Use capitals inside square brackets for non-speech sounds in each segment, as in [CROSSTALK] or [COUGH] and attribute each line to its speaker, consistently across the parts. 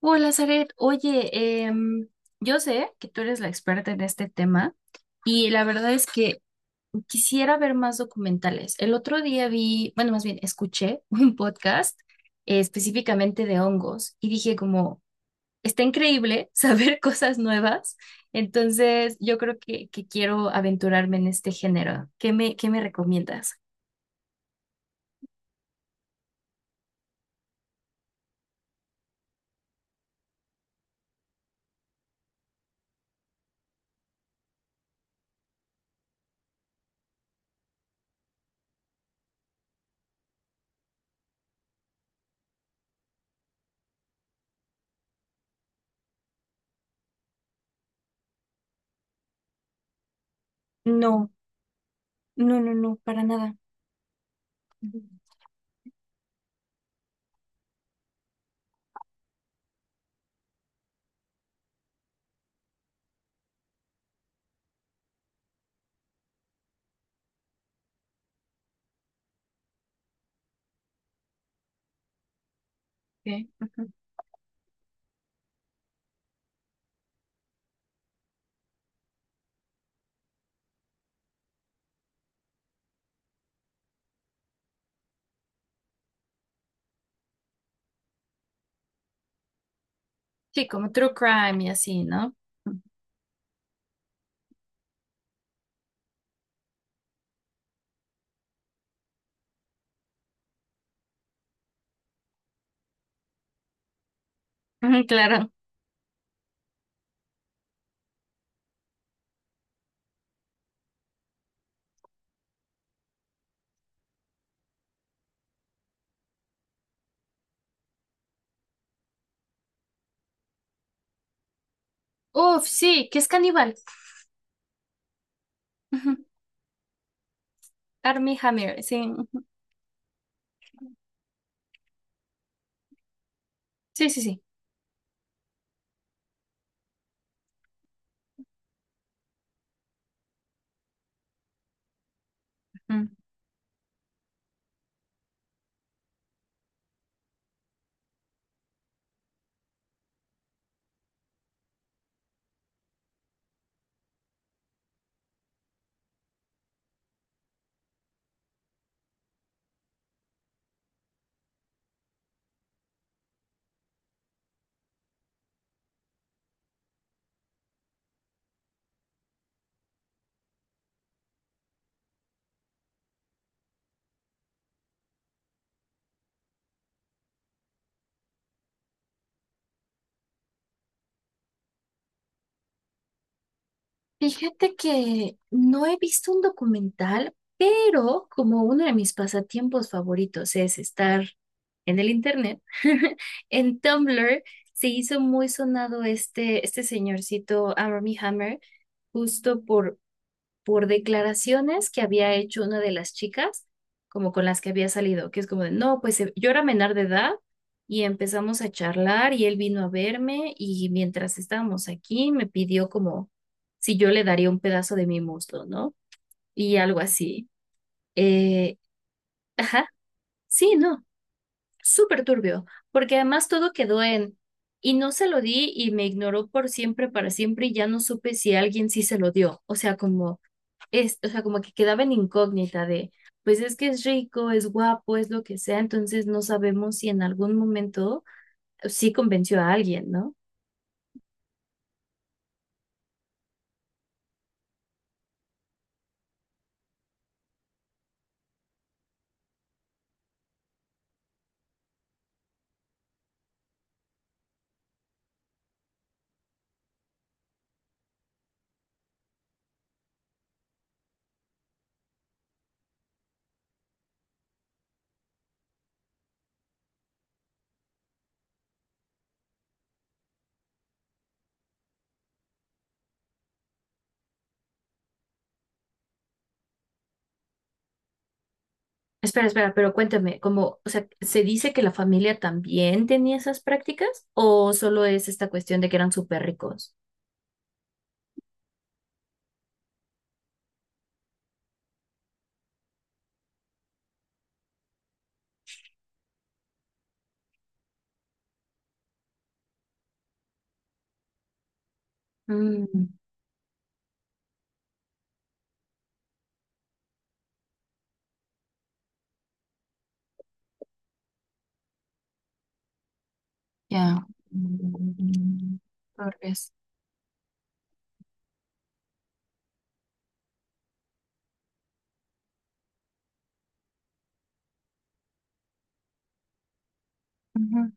Speaker 1: Hola, Zaret. Oye, em, yo sé que tú eres la experta en este tema y la verdad es que quisiera ver más documentales. El otro día vi, bueno, más bien escuché [LAUGHS] un podcast específicamente de hongos y dije como, está increíble saber [LAUGHS] cosas nuevas. Entonces, yo creo que quiero aventurarme en este género. ¿Qué me recomiendas? No, no, no, no, para nada. Ujú. Ok, ujú. Sí, como true crime y así, ¿no? Ujú, claro. Uf, sí, que es caníbal. Ujú, Armie Hammer, sí, ujú. Sí, sí, sí. Ujú. Fíjate que no he visto un documental, pero como uno de mis pasatiempos favoritos es estar en el internet, [LAUGHS] en Tumblr se hizo muy sonado este señorcito Armie Hammer, justo por declaraciones que había hecho una de las chicas, como con las que había salido, que es como de, no, pues yo era menor de edad y empezamos a charlar y él vino a verme y mientras estábamos aquí me pidió como si yo le daría un pedazo de mi muslo, ¿no? Y algo así. Eh, ajá, sí, no, súper turbio, porque además todo quedó en... Y no se lo di y me ignoró por siempre, para siempre, y ya no supe si alguien sí se lo dio. O sea, como es, o sea, como que quedaba en incógnita de, pues es que es rico, es guapo, es lo que sea, entonces no sabemos si en algún momento sí convenció a alguien, ¿no? Espera, espera, pero cuéntame, como, o sea, ¿se dice que la familia también tenía esas prácticas o solo es esta cuestión de que eran súper ricos? Mm, ya. Mm, tal vez. Ujú.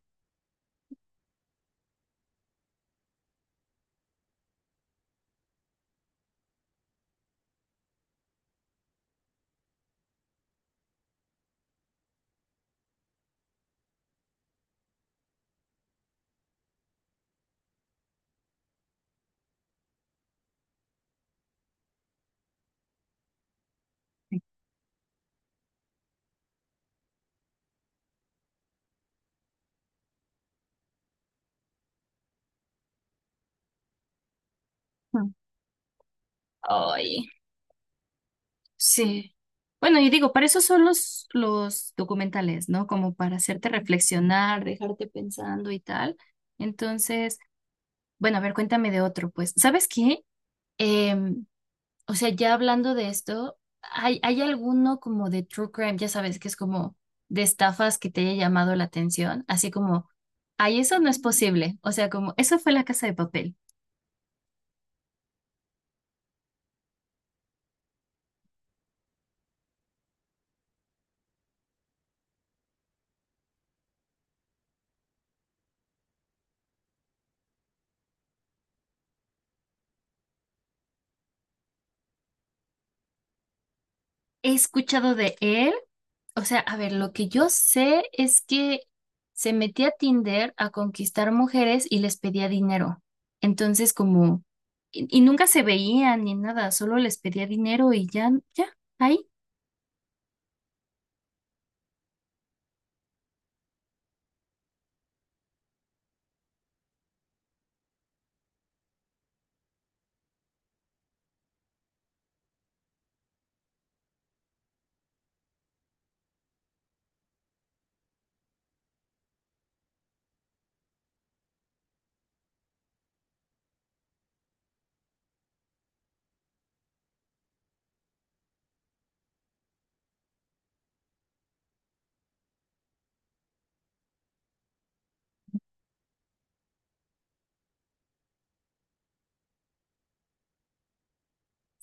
Speaker 1: Mm. Ay. Sí. Bueno, y digo, para eso son los documentales, ¿no? Como para hacerte reflexionar, dejarte pensando y tal. Entonces, bueno, a ver, cuéntame de otro, pues. ¿Sabes qué? Em, o sea, ya hablando de esto, ¿hay alguno como de true crime, ya sabes, que es como de estafas que te haya llamado la atención? Así como, ay, eso no es posible. O sea, como, eso fue La Casa de Papel. He escuchado de él. O sea, a ver, lo que yo sé es que se metía a Tinder a conquistar mujeres y les pedía dinero. Entonces, como, y nunca se veían ni nada, solo les pedía dinero y ya, ya, ahí.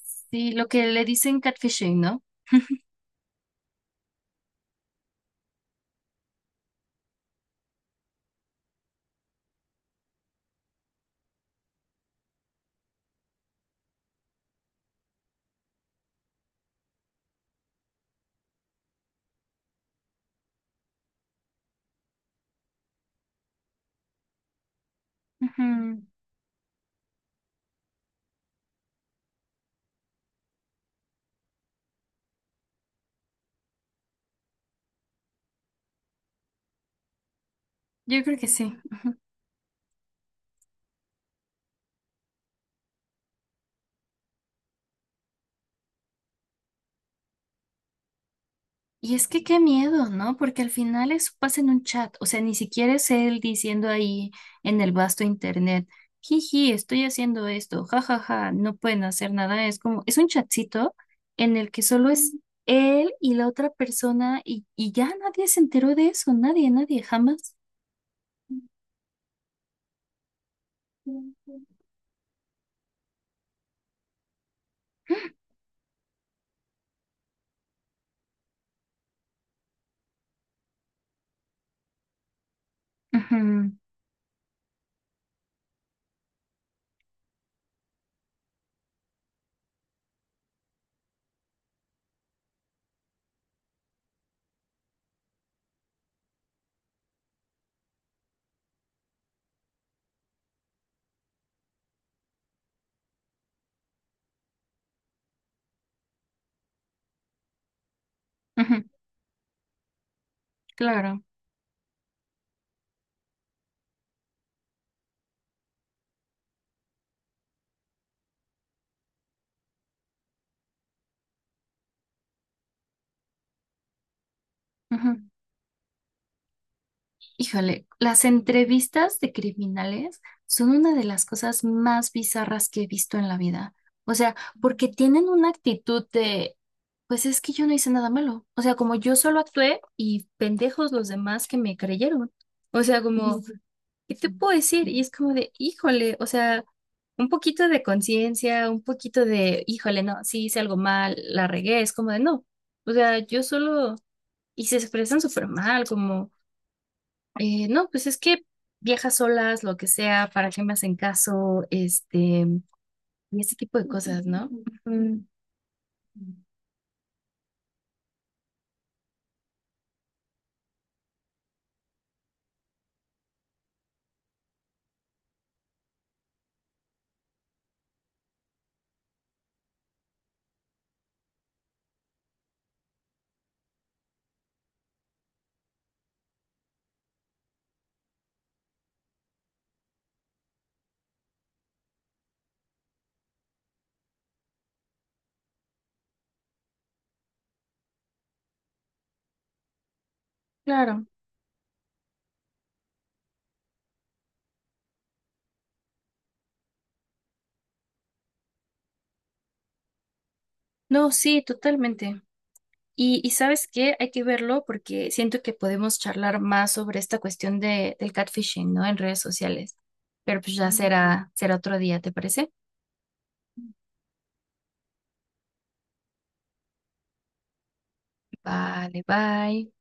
Speaker 1: Sí, lo que le dicen catfishing, no. Ujú, yo creo que sí. Y es que qué miedo, ¿no? Porque al final eso pasa en un chat, o sea, ni siquiera es él diciendo ahí en el vasto internet, jiji, estoy haciendo esto, jajaja, no pueden hacer nada, es como, es un chatcito en el que solo es él y la otra persona y ya nadie se enteró de eso, nadie, nadie, jamás. Ujú, ujú, claro. Híjole, las entrevistas de criminales son una de las cosas más bizarras que he visto en la vida. O sea, porque tienen una actitud de, pues es que yo no hice nada malo. O sea, como yo solo actué y pendejos los demás que me creyeron. O sea, como, ¿qué te puedo decir? Y es como de, híjole, o sea, un poquito de conciencia, un poquito de, híjole, no, sí hice algo mal, la regué. Es como de, no. O sea, yo solo... Y se expresan súper mal, como... no, pues es que viajas solas, lo que sea, para qué me hacen caso, este, y ese tipo de cosas, ¿no? Ujú, claro. No, sí, totalmente. Y ¿sabes qué? Hay que verlo porque siento que podemos charlar más sobre esta cuestión de, del catfishing, ¿no? En redes sociales. Pero pues ya será, será otro día, ¿te parece? Vale, bye.